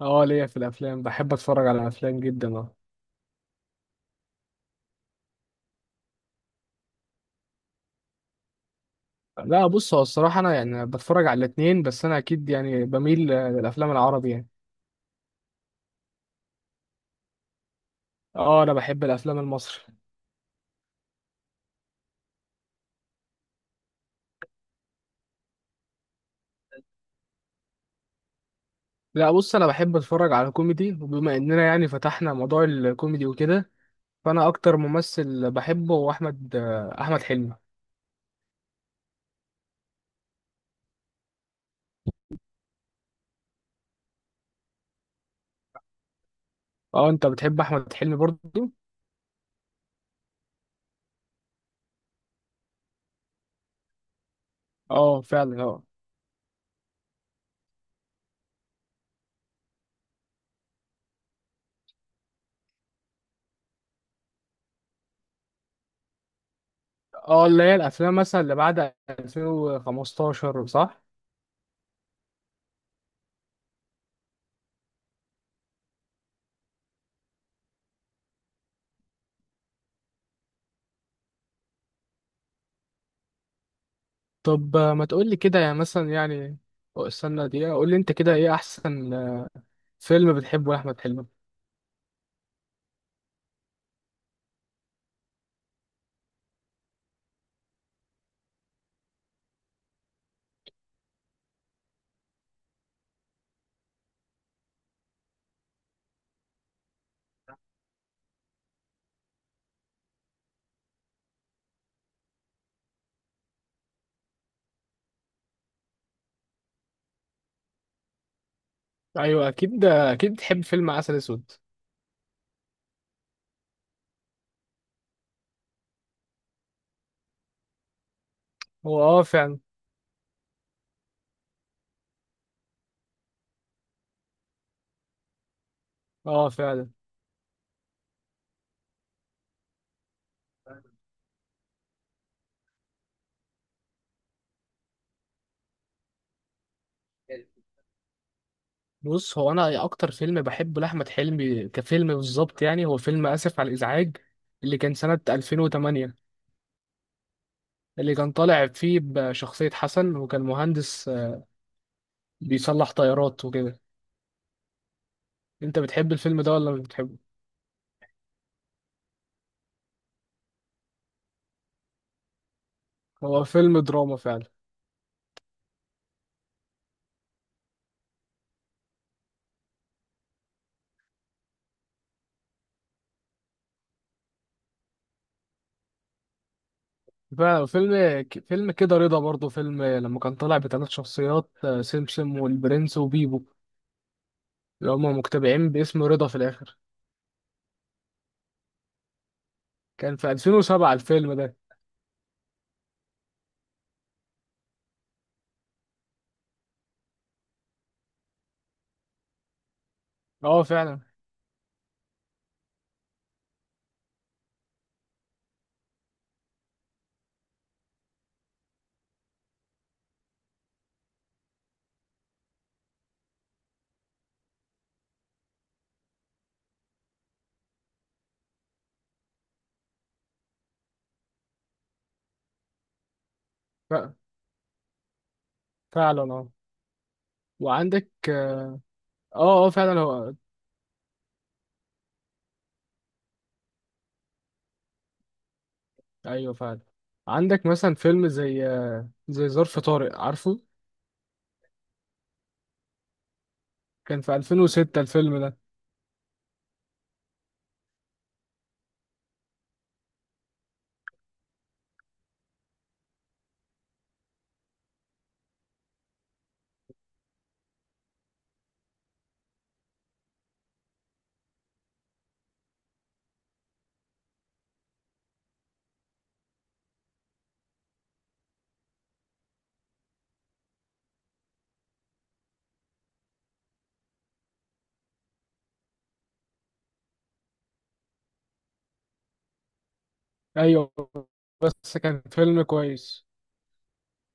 اه ليا في الافلام، بحب اتفرج على الافلام جدا. اه، لا بص، هو الصراحه انا يعني بتفرج على الاثنين، بس انا اكيد يعني بميل للافلام العربي يعني. اه، انا بحب الافلام المصري. لا بص، انا بحب اتفرج على كوميدي، وبما اننا يعني فتحنا موضوع الكوميدي وكده، فانا اكتر ممثل بحبه هو احمد حلمي. اه، انت بتحب احمد حلمي برضه؟ اه فعلا اه اللي هي الافلام مثلا اللي بعد 2015، صح؟ طب ما تقول لي كده يعني مثلا يعني. أو استنى دقيقة، قول لي انت كده ايه احسن فيلم بتحبه لاحمد حلمي. ايوه اكيد، اكيد بتحب فيلم عسل اسود. هو اه فعلا، اه فعلا. بص هو، انا اكتر فيلم بحبه لاحمد حلمي كفيلم بالظبط يعني، هو فيلم اسف على الازعاج اللي كان سنة 2008. اللي كان طالع فيه بشخصية حسن، وكان مهندس بيصلح طيارات وكده. انت بتحب الفيلم ده ولا مش بتحبه؟ هو فيلم دراما فعلا. فعلا فيلم كده رضا برضه، فيلم لما كان طالع بثلاث شخصيات سمسم والبرنس وبيبو، اللي هما مجتمعين باسم رضا في الآخر. كان في 2007 الفيلم ده. اه فعلا. ف- فعلا اه. وعندك اه. اه فعلا هو. ايوه فعلا. عندك مثلا فيلم زي زي ظرف طارق، عارفه؟ كان في 2006 الفيلم ده. ايوه، بس كان فيلم كويس.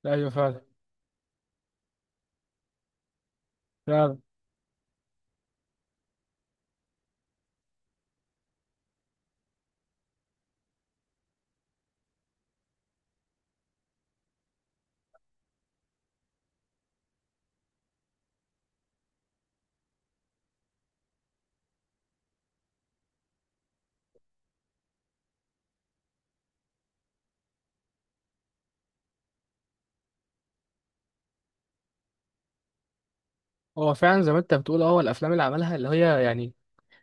ايوه فعلا. فعلا هو، فعلا زي ما انت بتقول. اه، هو الافلام اللي عملها اللي هي يعني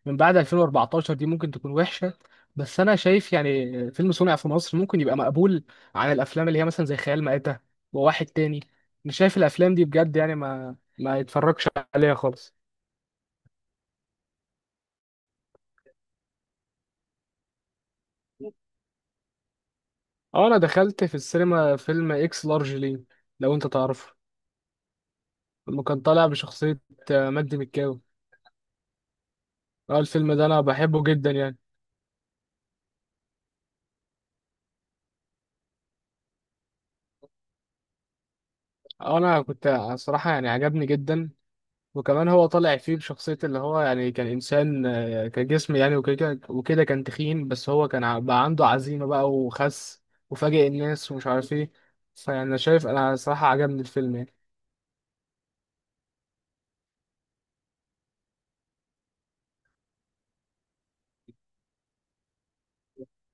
من بعد 2014 دي ممكن تكون وحشة، بس أنا شايف يعني فيلم صنع في مصر ممكن يبقى مقبول عن الأفلام اللي هي مثلا زي خيال مآتة وواحد تاني. مش شايف الأفلام دي بجد يعني، ما يتفرجش عليها خالص. أه، أنا دخلت في السينما فيلم إكس لارج ليه، لو أنت تعرفه. اللي كان طالع بشخصية مجدي مكاوي. أه، الفيلم ده أنا بحبه جدا يعني. أه، أنا كنت، صراحة يعني عجبني جدا. وكمان هو طالع فيه بشخصية اللي هو يعني كان إنسان كجسم يعني، وكده وكده كان تخين، بس هو كان بقى عنده عزيمة بقى وخس، وفاجئ الناس ومش عارف ايه. فيعني أنا شايف، أنا صراحة عجبني الفيلم يعني.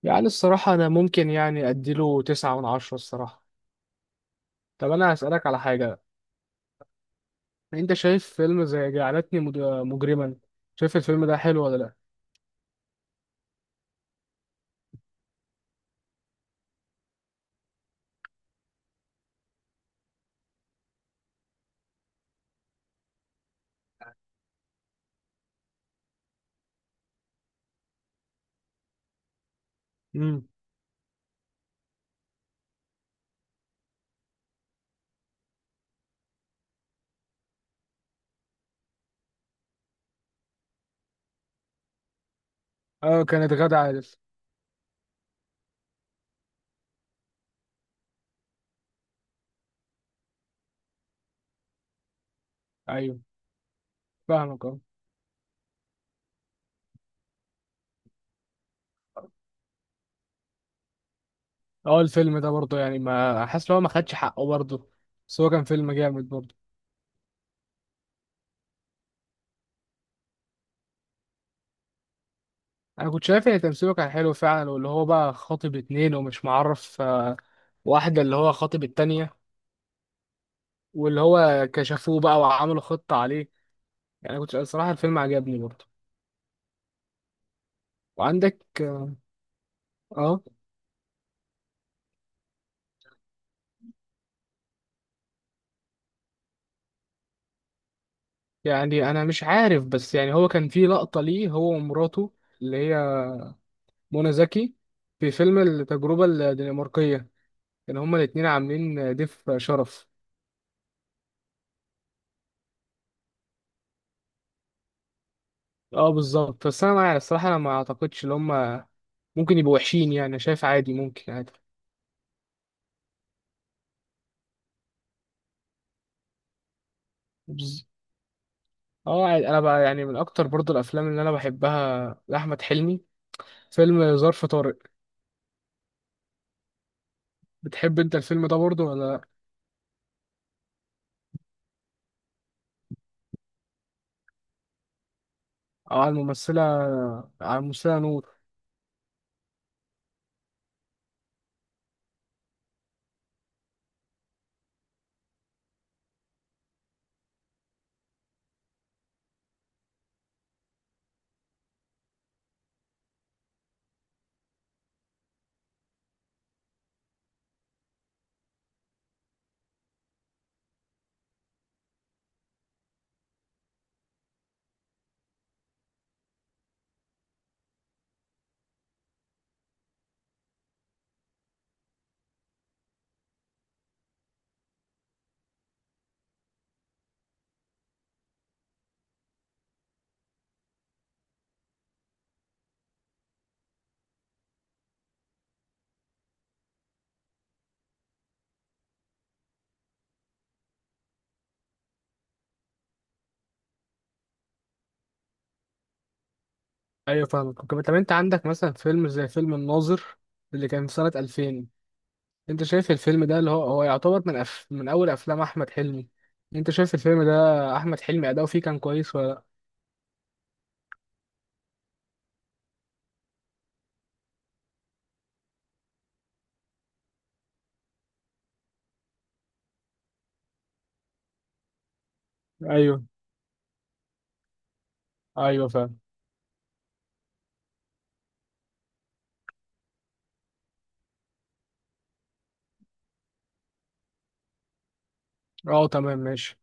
يعني الصراحة أنا ممكن يعني أديله تسعة من عشرة الصراحة. طب أنا هسألك على حاجة. أنت شايف فيلم زي جعلتني مجرما، شايف الفيلم ده حلو ولا لأ؟ امم، اه كانت غادة عادل. أيوه فاهمك. اه، الفيلم ده برضه يعني ما حاسس ان هو ما خدش حقه برضه، بس هو كان فيلم جامد برضه. انا كنت شايف ان تمثيله كان حلو فعلا، واللي هو بقى خاطب اتنين ومش معرف واحدة اللي هو خاطب التانية، واللي هو كشفوه بقى وعملوا خطة عليه. يعني كنت الصراحة الفيلم عجبني برضه. وعندك اه. يعني انا مش عارف، بس يعني هو كان في لقطة ليه هو ومراته، اللي هي منى زكي، في فيلم التجربة الدنماركية. كان هما الاتنين عاملين ضيف شرف. اه بالظبط، بس انا مع الصراحه انا ما اعتقدش ان هم ممكن يبقوا وحشين يعني. انا شايف عادي، ممكن عادي. بز- اه عادي. انا بقى يعني من اكتر برضو الافلام اللي انا بحبها لاحمد حلمي فيلم ظرف طارق. بتحب انت الفيلم ده برضو ولا لا؟ او على الممثله، على الممثله نور. ايوه فاهمك. طب انت عندك مثلا فيلم زي فيلم الناظر اللي كان في سنه 2000. انت شايف الفيلم ده اللي هو هو يعتبر من من اول افلام احمد حلمي. انت شايف الفيلم ده احمد حلمي اداؤه فيه كان كويس ولا؟ لا ايوه، ايوه فاهم. اه تمام ماشي.